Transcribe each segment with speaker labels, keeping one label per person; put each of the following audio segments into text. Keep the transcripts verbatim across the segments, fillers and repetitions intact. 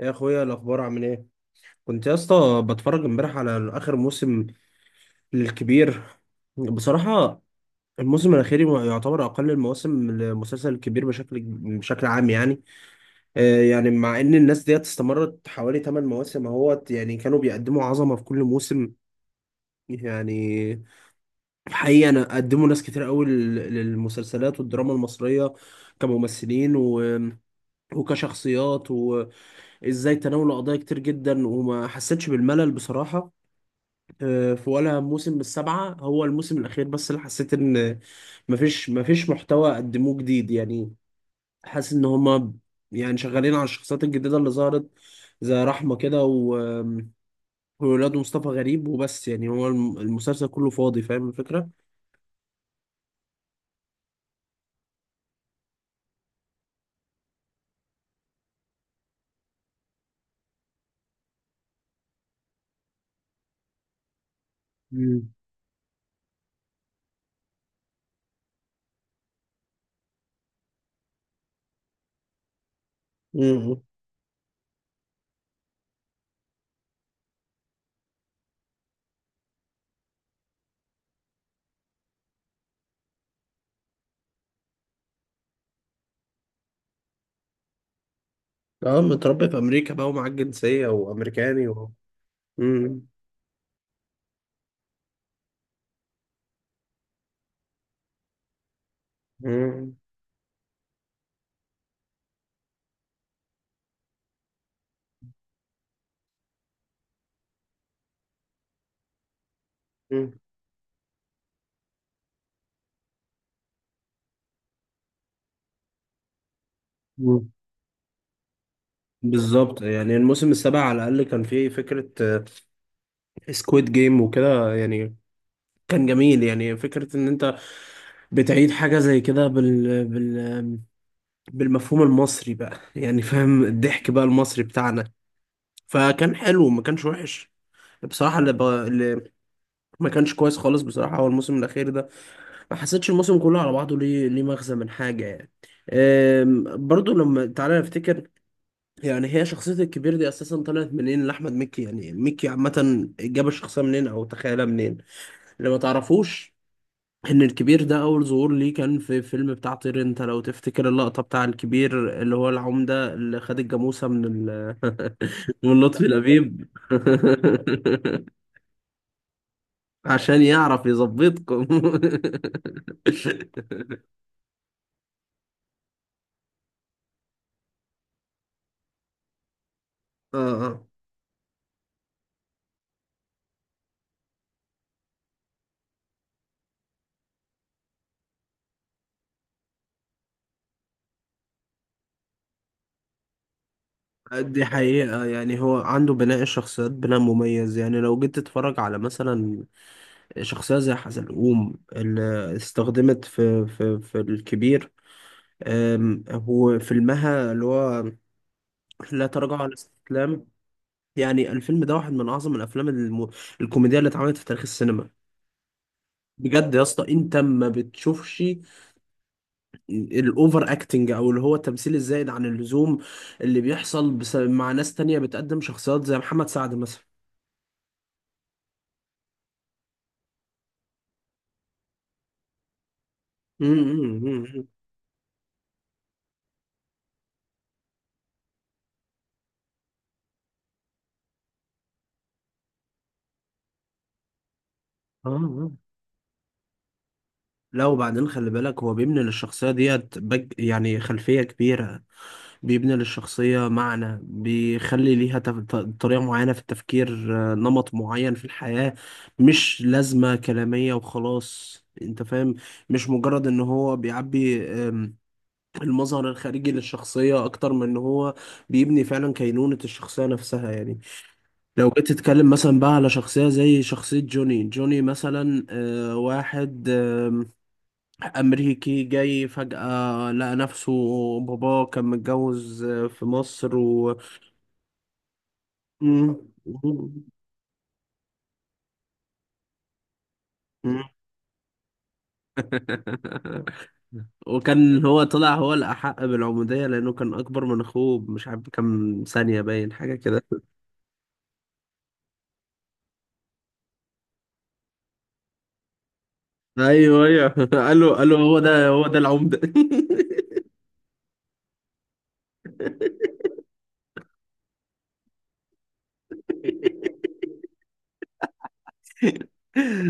Speaker 1: إيه يا اخويا الاخبار عامل ايه؟ كنت يا اسطى بتفرج امبارح على اخر موسم للكبير. بصراحه الموسم الاخير يعتبر اقل المواسم للمسلسل الكبير بشكل بشكل عام يعني. آه يعني مع ان الناس ديت استمرت حوالي 8 مواسم اهوت، يعني كانوا بيقدموا عظمه في كل موسم يعني. حقيقه انا قدموا ناس كتير قوي لل- للمسلسلات والدراما المصريه كممثلين و وكشخصيات، وازاي تناولوا قضايا كتير جدا وما حسيتش بالملل بصراحة. آه، في ولا موسم من السبعة هو الموسم الأخير بس اللي حسيت إن مفيش مفيش محتوى قدموه جديد يعني. حاسس إن هما يعني شغالين على الشخصيات الجديدة اللي ظهرت زي رحمة كده و... وولاد مصطفى غريب وبس، يعني هو الم- المسلسل كله فاضي، فاهم الفكرة؟ مم. امم. اه متربي في امريكا بقى ومعاك جنسيه وامريكاني و... مم. مم. مم. مم. بالظبط، يعني الموسم السابع على الاقل كان فيه فكره سكويد جيم وكده، يعني كان جميل. يعني فكرة إن أنت بتعيد حاجة زي كده بال... بال... بالمفهوم المصري بقى، يعني فاهم الضحك بقى المصري بتاعنا. فكان حلو ما كانش وحش بصراحة. اللي, ب... اللي ما كانش كويس خالص بصراحة هو الموسم الأخير ده. ما حسيتش الموسم كله على بعضه ليه ليه مغزى من حاجة يعني. أم... برضو لما تعالى نفتكر، يعني هي شخصية الكبير دي أساسا طلعت منين لأحمد مكي؟ يعني مكي عامة جاب الشخصية منين أو تخيلها منين؟ اللي ما تعرفوش ان الكبير ده اول ظهور ليه كان في فيلم بتاع طير انت، لو تفتكر اللقطة بتاع الكبير اللي هو العمدة اللي خد الجاموسة من ال... من لطفي لبيب. عشان يعرف يظبطكم. اه آه. دي حقيقة، يعني هو عنده بناء الشخصيات بناء مميز. يعني لو جيت تتفرج على مثلا شخصية زي حزلقوم اللي استخدمت في في في الكبير، آم، هو فيلمها اللي هو لا تراجع ولا استسلام. يعني الفيلم ده واحد من اعظم الافلام الم... الكوميديه اللي اتعملت في تاريخ السينما. بجد يا اسطى، انت ما بتشوفش الاوفر اكتنج او اللي هو التمثيل الزايد عن اللزوم اللي بيحصل بس... مع ناس تانية بتقدم شخصيات زي محمد سعد مثلا. امم. اه آه. لا وبعدين خلي بالك هو بيبني للشخصيه ديت بج... يعني خلفيه كبيره. بيبني للشخصية معنى، بيخلي ليها تف... ط- طريقة معينة في التفكير، آه، نمط معين في الحياة. مش لازمة كلامية وخلاص، انت فاهم؟ مش مجرد ان هو بيعبي آم، المظهر الخارجي للشخصية، اكتر من ان هو بيبني فعلا كينونة الشخصية نفسها يعني. لو جيت تتكلم مثلا بقى على شخصية زي شخصية جوني، جوني مثلا آه، واحد أمريكي جاي فجأة لقى نفسه باباه كان متجوز في مصر و... مم. مم. وكان هو طلع هو الأحق بالعمودية لأنه كان أكبر من أخوه مش عارف كام ثانية، باين حاجة كده. أيوه أيوه. قال له قال له هو ده، هو ده العمدة.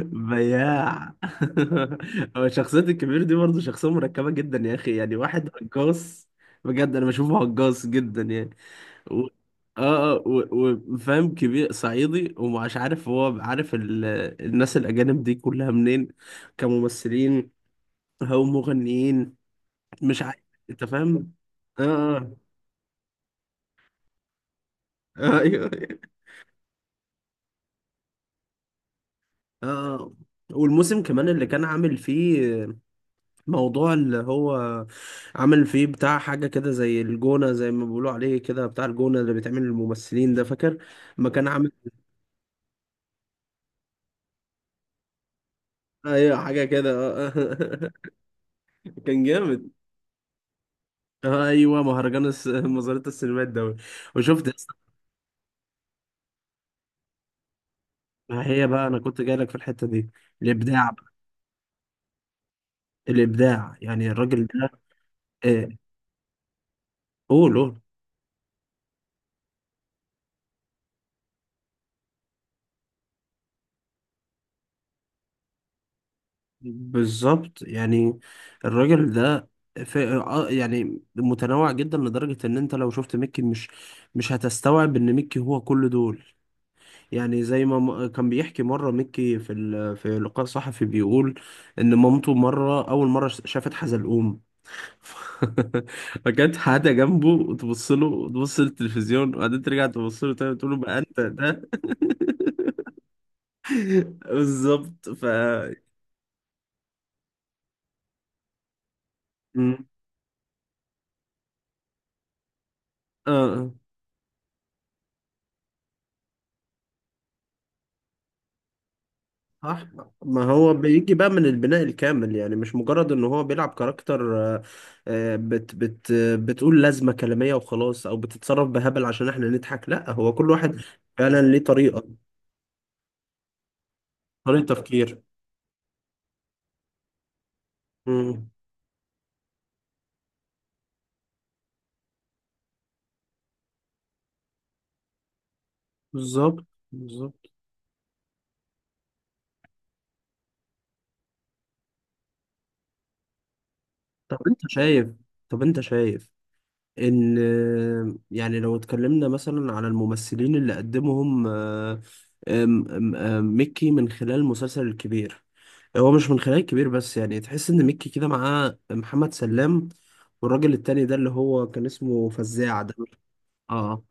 Speaker 1: بياع. هو شخصية الكبير دي برضه شخصية مركبة جدا يا أخي، يعني واحد هجاص بجد. أنا بشوفه هجاص جدا يعني. و... اه اه. و- وفاهم كبير صعيدي، ومش عارف هو عارف ال... الناس الأجانب دي كلها منين، كممثلين أو مغنيين، مش عارف. أنت فاهم؟ اه اه. آه، ايوه. اه آه. والموسم كمان اللي كان عامل فيه موضوع اللي هو عامل فيه بتاع حاجة كده زي الجونة، زي ما بيقولوا عليه كده، بتاع الجونة اللي بيتعمل للممثلين ده، فاكر؟ ما كان عامل. ايوه حاجة كده. آه. كان جامد. آه، ايوه مهرجان الس... مزارات السينمات الدولي. وشفت يا اسطى، ما هي بقى انا كنت جاي لك في الحته دي. الابداع بقى. الابداع يعني الراجل ده. آه، قول قول. بالظبط، يعني الراجل ده في... آه، يعني متنوع جدا لدرجه ان انت لو شفت ميكي مش مش هتستوعب ان ميكي هو كل دول. يعني زي ما م- كان بيحكي مره ميكي في ال... في لقاء صحفي بيقول ان مامته مره اول مره شافت حزلقوم فكانت حاجة جنبه، وتبص له تبص للتلفزيون وبعدين ترجع تبص له تاني تقول له ما أنت ده. بالظبط ف... مم. اه صح. ما هو بيجي بقى من البناء الكامل، يعني مش مجرد ان هو بيلعب كاركتر آه، آه، بت بت آه، بتقول لازمة كلامية وخلاص او بتتصرف بهبل عشان احنا نضحك، لا هو كل واحد فعلا ليه طريقة، طريقة تفكير. مم. بالظبط بالظبط. طب انت شايف طب انت شايف ان يعني لو اتكلمنا مثلا على الممثلين اللي قدمهم آه، آم، آم، آم، ميكي من خلال المسلسل الكبير، هو مش من خلال الكبير بس، يعني تحس ان ميكي كده معاه محمد سلام والراجل التاني ده اللي هو كان اسمه فزاع ده. اه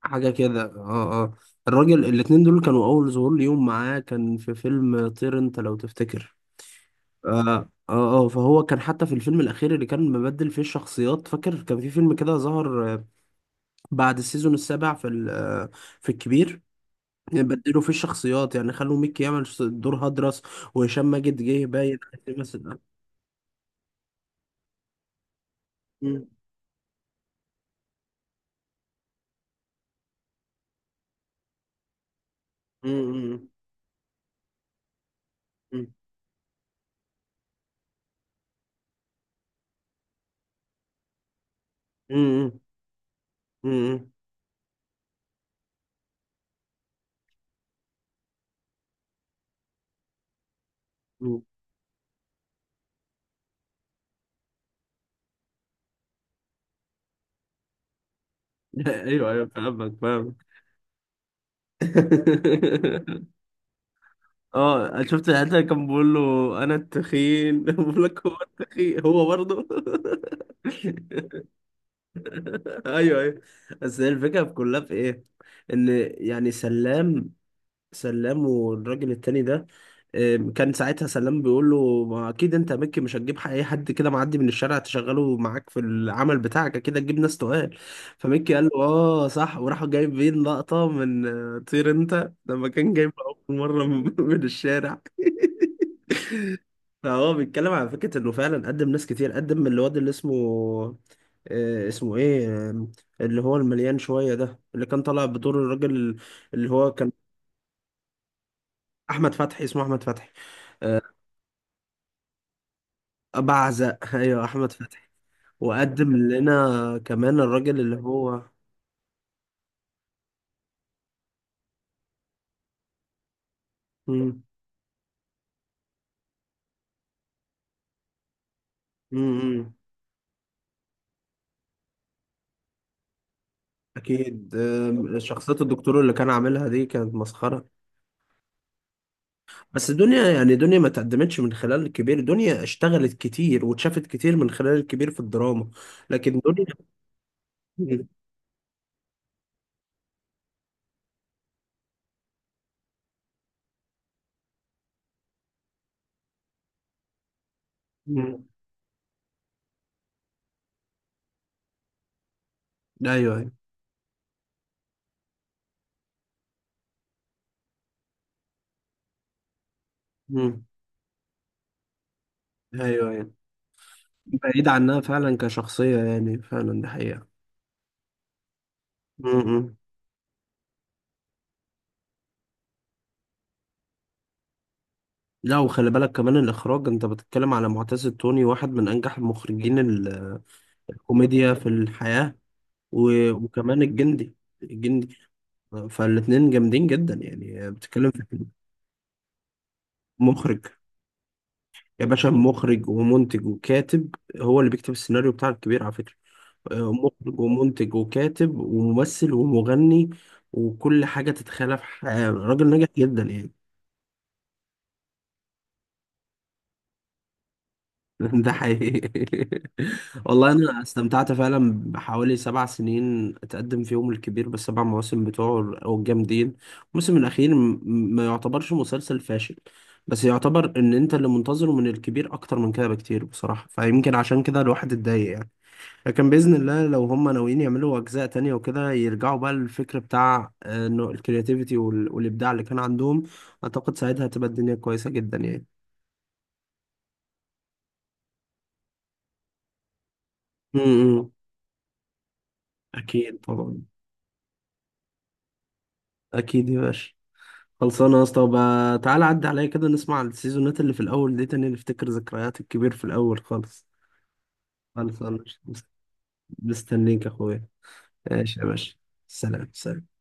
Speaker 1: حاجة كده اه اه. الراجل الاتنين دول كانوا أول ظهور ليهم معاه كان في فيلم طير انت، لو تفتكر. اه اه آه، فهو كان حتى في الفيلم الأخير اللي كان مبدل فيه الشخصيات، فاكر كان في فيلم كده ظهر بعد السيزون السابع في ال... في الكبير بدلوا فيه الشخصيات. يعني خلوا ميكي يعمل ش- دور هدرس وهشام ماجد جه باين مثلا. مم. مم. مم. مم. مم. مم. ايوه ايوه فاهمك فاهمك. اه أنا شفت الحته اللي كان بيقول له انا التخين. بقول لك هو التخين هو برضه. ايوه ايوه. بس هي الفكره في كلها في ايه؟ ان يعني سلام سلام والراجل التاني ده آم، كان ساعتها سلام بيقول له ما اكيد انت يا مكي مش هتجيب اي حد كده معدي من الشارع تشغله معاك في العمل بتاعك، اكيد هتجيب ناس تقال. فمكي قال له اه صح، وراح جايبين لقطة من آه، طير انت لما كان جايب اول مرة من من الشارع. فهو بيتكلم على فكرة انه فعلا قدم ناس كتير. قدم الواد اللي اسمه آه، اسمه ايه آم، اللي هو المليان شوية ده اللي كان طالع بدور الراجل اللي هو كان احمد فتحي، اسمه احمد فتحي. بعزق ايوه احمد فتحي. وقدم لنا كمان الراجل اللي هو... مم. مم. مم. اكيد. أم، شخصية الدكتور اللي كان عاملها دي كانت مسخرة. بس دنيا يعني دنيا ما تقدمتش من خلال الكبير، دنيا اشتغلت كتير واتشافت كتير من خلال الكبير في الدراما، لكن دنيا... مم. مم. ايوه ايوه. مم. ايوه ايوه. بعيد عنها فعلا كشخصية، يعني فعلا ده حقيقة. مم. لا وخلي بالك كمان الإخراج، أنت بتتكلم على معتز التوني واحد من أنجح المخرجين. الكوميديا في الحياة و- وكمان الجندي، الجندي. فالاتنين جامدين جدا، يعني بتتكلم في مخرج. يا باشا مخرج ومنتج وكاتب، هو اللي بيكتب السيناريو بتاع الكبير على فكرة. آه، مخرج ومنتج وكاتب وممثل ومغني وكل حاجة تتخيلها في حياة راجل ناجح جدا يعني. ده حقيقي. والله انا استمتعت فعلا بحوالي سبع سنين اتقدم فيهم الكبير، بالسبع مواسم بتوعه او الجامدين. الموسم الاخير م- ما يعتبرش مسلسل فاشل، بس يعتبر ان انت اللي منتظره من الكبير اكتر من كده بكتير بصراحة، فيمكن عشان كده الواحد اتضايق يعني. لكن باذن الله لو هم ناويين يعملوا اجزاء تانية وكده، يرجعوا بقى للفكر بتاع آه، انه الكرياتيفيتي وال- والابداع اللي كان عندهم، اعتقد ساعتها هتبقى الدنيا كويسة جدا يعني. امم. اكيد طبعا، اكيد يا باشا. خلصانه يا اسطى، وبقى تعالى عدي عليا كده نسمع السيزونات اللي في الاول دي تاني، نفتكر ذكريات الكبير في الاول خالص. خلصانه. مستنيك يا اخويا. ماشي يا باشا، سلام سلام.